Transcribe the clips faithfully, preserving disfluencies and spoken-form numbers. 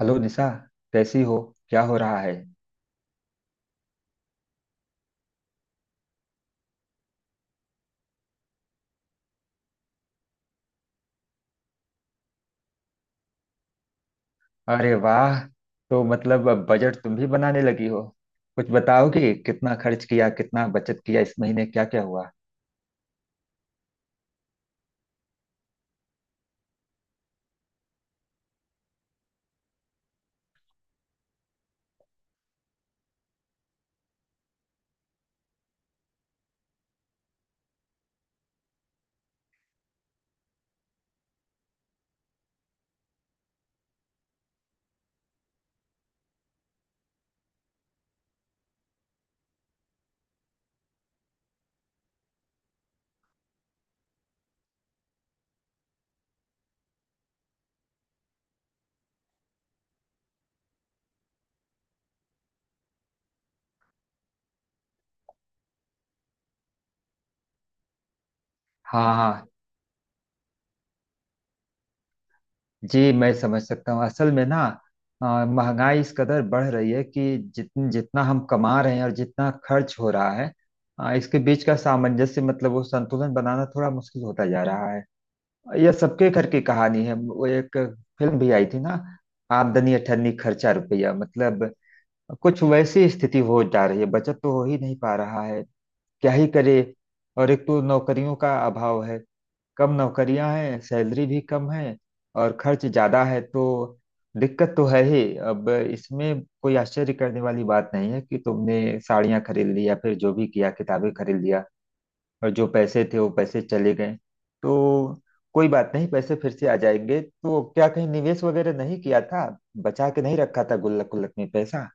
Hello Nisha. कैसी हो? क्या हो रहा है? अरे वाह। तो मतलब अब बजट तुम भी बनाने लगी हो। कुछ बताओ कि कितना खर्च किया, कितना बचत किया, इस महीने क्या क्या हुआ। हाँ, हाँ जी, मैं समझ सकता हूँ। असल में ना, अ, महंगाई इस कदर बढ़ रही है कि जितन जितना हम कमा रहे हैं और जितना खर्च हो रहा है, अ, इसके बीच का सामंजस्य मतलब वो संतुलन बनाना थोड़ा मुश्किल होता जा रहा है। यह सबके घर की कहानी है। वो एक फिल्म भी आई थी ना, आमदनी अठन्नी खर्चा रुपया, मतलब कुछ वैसी स्थिति हो जा रही है। बचत तो हो ही नहीं पा रहा है। क्या ही करे। और एक तो नौकरियों का अभाव है, कम नौकरियां हैं, सैलरी भी कम है और खर्च ज्यादा है, तो दिक्कत तो है ही। अब इसमें कोई आश्चर्य करने वाली बात नहीं है कि तुमने साड़ियां खरीद ली या फिर जो भी किया, किताबें खरीद लिया और जो पैसे थे वो पैसे चले गए। तो कोई बात नहीं, पैसे फिर से आ जाएंगे। तो क्या कहीं निवेश वगैरह नहीं किया था? बचा के नहीं रखा था? गुल्लक गुल्लक में पैसा?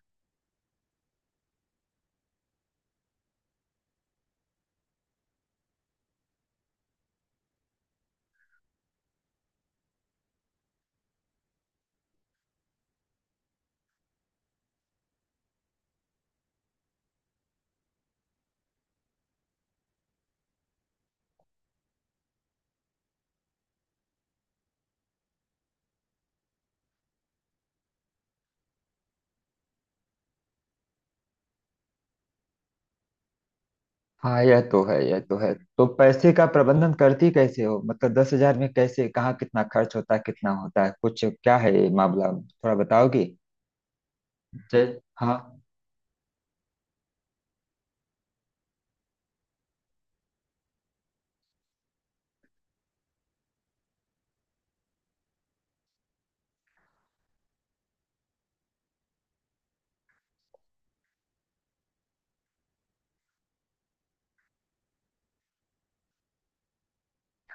हाँ, यह तो है, यह तो है। तो पैसे का प्रबंधन करती कैसे हो? मतलब दस हजार में कैसे, कहाँ कितना खर्च होता है, कितना होता है, कुछ क्या है ये मामला, थोड़ा बताओगी? जय। हाँ।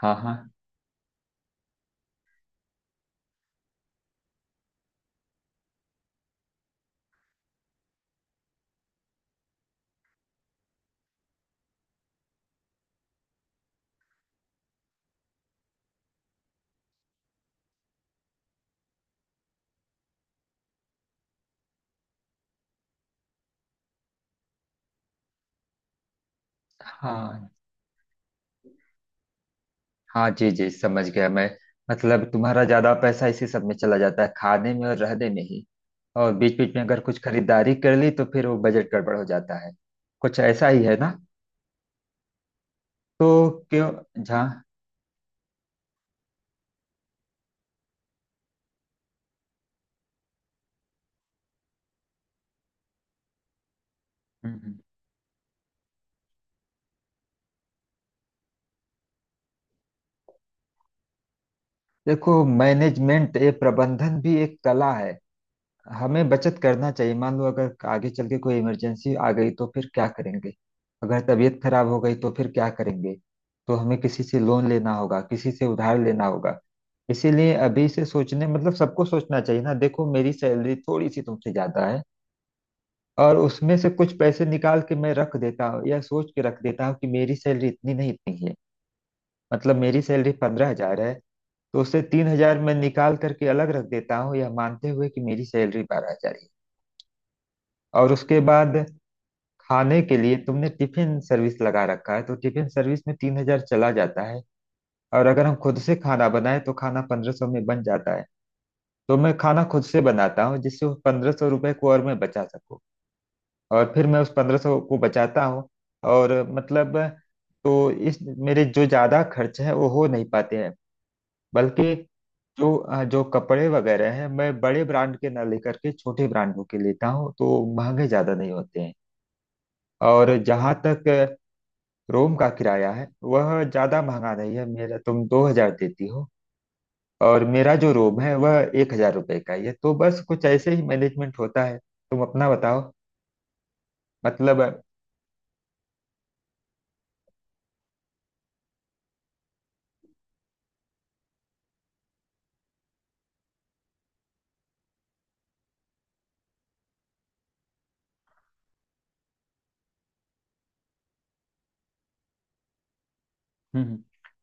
हाँ, हाँ, हाँ। हाँ जी जी, समझ गया मैं। मतलब तुम्हारा ज्यादा पैसा इसी सब में चला जाता है, खाने में और रहने में ही। और बीच बीच में अगर कुछ खरीदारी कर ली तो फिर वो बजट गड़बड़ हो जाता है। कुछ ऐसा ही है ना? तो क्यों? जहाँ। हम्म, हम्म। देखो, मैनेजमेंट, ये प्रबंधन भी एक कला है। हमें बचत करना चाहिए। मान लो अगर आगे चल के कोई इमरजेंसी आ गई तो फिर क्या करेंगे? अगर तबीयत खराब हो गई तो फिर क्या करेंगे? तो हमें किसी से लोन लेना होगा, किसी से उधार लेना होगा। इसीलिए अभी से सोचने मतलब सबको सोचना चाहिए ना। देखो, मेरी सैलरी थोड़ी सी तुमसे ज्यादा है और उसमें से कुछ पैसे निकाल के मैं रख देता हूँ या सोच के रख देता हूँ कि मेरी सैलरी इतनी नहीं इतनी है। मतलब मेरी सैलरी पंद्रह हजार है। तो उससे तीन हजार मैं निकाल करके अलग रख देता हूँ, यह मानते हुए कि मेरी सैलरी बारह हजार है। और उसके बाद खाने के लिए तुमने टिफिन सर्विस लगा रखा है तो टिफिन सर्विस में तीन हजार चला जाता है। और अगर हम खुद से खाना बनाए तो खाना पंद्रह सौ में बन जाता है। तो मैं खाना खुद से बनाता हूँ जिससे उस पंद्रह सौ रुपये को और मैं बचा सकूँ। और फिर मैं उस पंद्रह सौ को बचाता हूँ और मतलब, तो इस मेरे जो ज्यादा खर्च है वो हो नहीं पाते हैं। बल्कि जो अ, जो कपड़े वगैरह हैं, मैं बड़े ब्रांड के ना लेकर के छोटे ब्रांडों के लेता हूँ, तो महंगे ज्यादा नहीं होते हैं। और जहाँ तक रूम का किराया है, वह ज़्यादा महंगा नहीं है। मेरा, तुम दो हज़ार देती हो और मेरा जो रूम है वह एक हज़ार रुपये का ही है। तो बस कुछ ऐसे ही मैनेजमेंट होता है। तुम अपना बताओ, मतलब। हम्म, हम्म।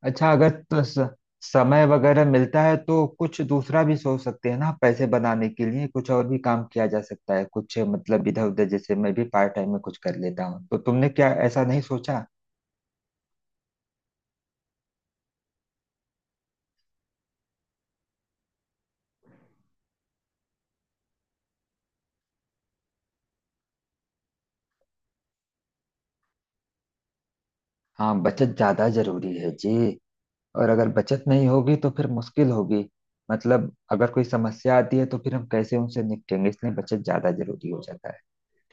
अच्छा, अगर तो स, समय वगैरह मिलता है तो कुछ दूसरा भी सोच सकते हैं ना? पैसे बनाने के लिए कुछ और भी काम किया जा सकता है, कुछ मतलब इधर उधर। जैसे मैं भी पार्ट टाइम में कुछ कर लेता हूँ, तो तुमने क्या ऐसा नहीं सोचा? हाँ, बचत ज्यादा जरूरी है जी। और अगर बचत नहीं होगी तो फिर मुश्किल होगी। मतलब अगर कोई समस्या आती है तो फिर हम कैसे उनसे निपटेंगे? इसलिए बचत ज्यादा जरूरी हो जाता है।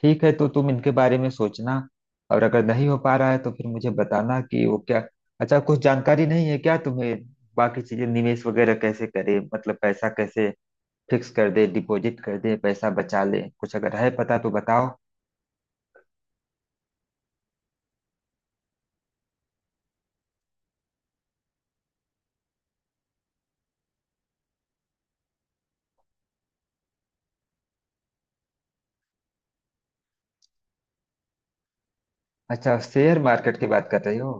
ठीक है, तो तुम इनके बारे में सोचना। और अगर नहीं हो पा रहा है तो फिर मुझे बताना कि वो क्या। अच्छा, कुछ जानकारी नहीं है क्या तुम्हें? बाकी चीजें, निवेश वगैरह कैसे करें, मतलब पैसा कैसे फिक्स कर दे, डिपॉजिट कर दे, पैसा बचा ले, कुछ अगर है पता तो बताओ। अच्छा, शेयर मार्केट की बात कर रही हो?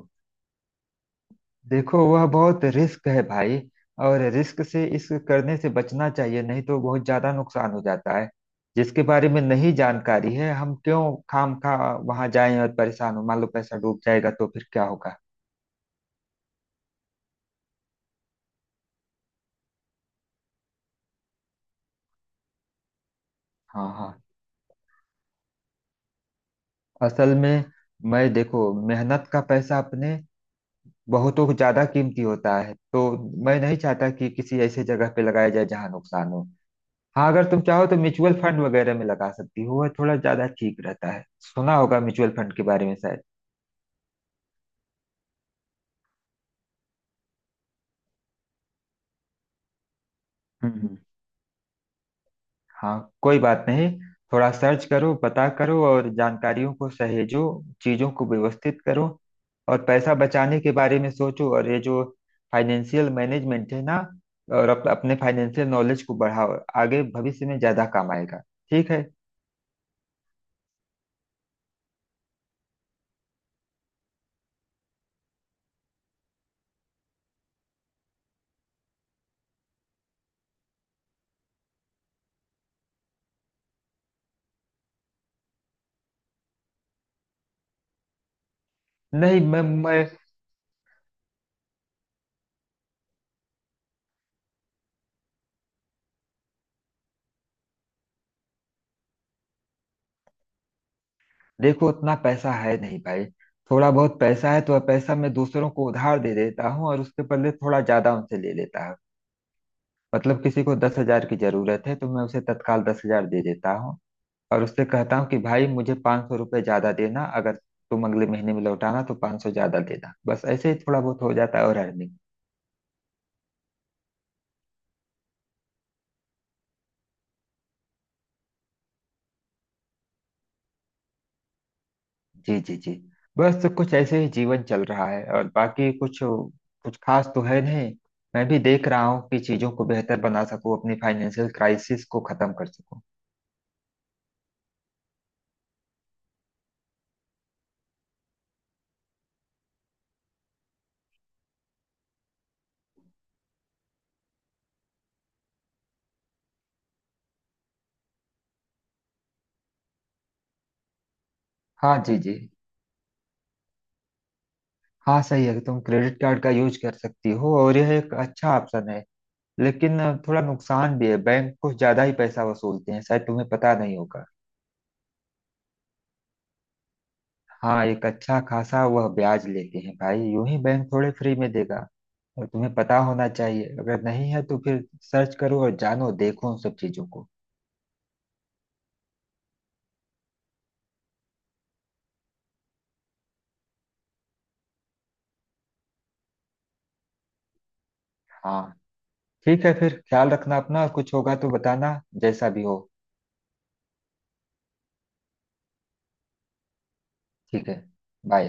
देखो वह बहुत रिस्क है भाई। और रिस्क से इस करने से बचना चाहिए, नहीं तो बहुत ज्यादा नुकसान हो जाता है। जिसके बारे में नहीं जानकारी है, हम क्यों खाम खा वहां जाएं और परेशान हो? मान लो पैसा डूब जाएगा तो फिर क्या होगा? हाँ, हाँ। असल में मैं, देखो, मेहनत का पैसा अपने बहुतों को ज्यादा कीमती होता है। तो मैं नहीं चाहता कि किसी ऐसे जगह पे लगाया जाए जहाँ नुकसान हो। हाँ, अगर तुम चाहो तो म्यूचुअल फंड वगैरह में लगा सकती हो, वह थोड़ा ज्यादा ठीक रहता है। सुना होगा म्यूचुअल फंड के बारे में शायद। हम्म। हाँ, कोई बात नहीं। थोड़ा सर्च करो, पता करो और जानकारियों को सहेजो। चीजों को व्यवस्थित करो और पैसा बचाने के बारे में सोचो। और ये जो फाइनेंशियल मैनेजमेंट है ना, और अप, अपने फाइनेंशियल नॉलेज को बढ़ाओ, आगे भविष्य में ज्यादा काम आएगा। ठीक है? नहीं, मैं मैं देखो उतना पैसा है नहीं भाई। थोड़ा बहुत पैसा है तो वह पैसा मैं दूसरों को उधार दे देता हूँ और उसके बदले थोड़ा ज्यादा उनसे ले लेता हूँ। मतलब किसी को दस हजार की जरूरत है तो मैं उसे तत्काल दस हजार दे देता हूँ और उससे कहता हूँ कि भाई मुझे पाँच सौ रुपये ज्यादा देना। अगर तुम अगले महीने में लौटाना तो पाँच सौ ज्यादा देना। बस ऐसे ही थोड़ा बहुत हो जाता है और अर्निंग। जी, जी, जी। बस तो कुछ ऐसे ही जीवन चल रहा है और बाकी कुछ, कुछ खास तो है नहीं। मैं भी देख रहा हूँ कि चीजों को बेहतर बना सकूँ, अपनी फाइनेंशियल क्राइसिस को खत्म कर सकूँ। हाँ जी जी। हाँ सही है, तुम क्रेडिट कार्ड का यूज कर सकती हो और यह एक अच्छा ऑप्शन है। लेकिन थोड़ा नुकसान भी है, बैंक कुछ ज्यादा ही पैसा वसूलते हैं शायद, तुम्हें पता नहीं होगा। हाँ, एक अच्छा खासा वह ब्याज लेते हैं भाई। यूं ही बैंक थोड़े फ्री में देगा। और तुम्हें पता होना चाहिए, अगर नहीं है तो फिर सर्च करो और जानो, देखो उन सब चीजों को। हाँ ठीक है, फिर ख्याल रखना अपना और कुछ होगा तो बताना, जैसा भी हो। ठीक है। बाय।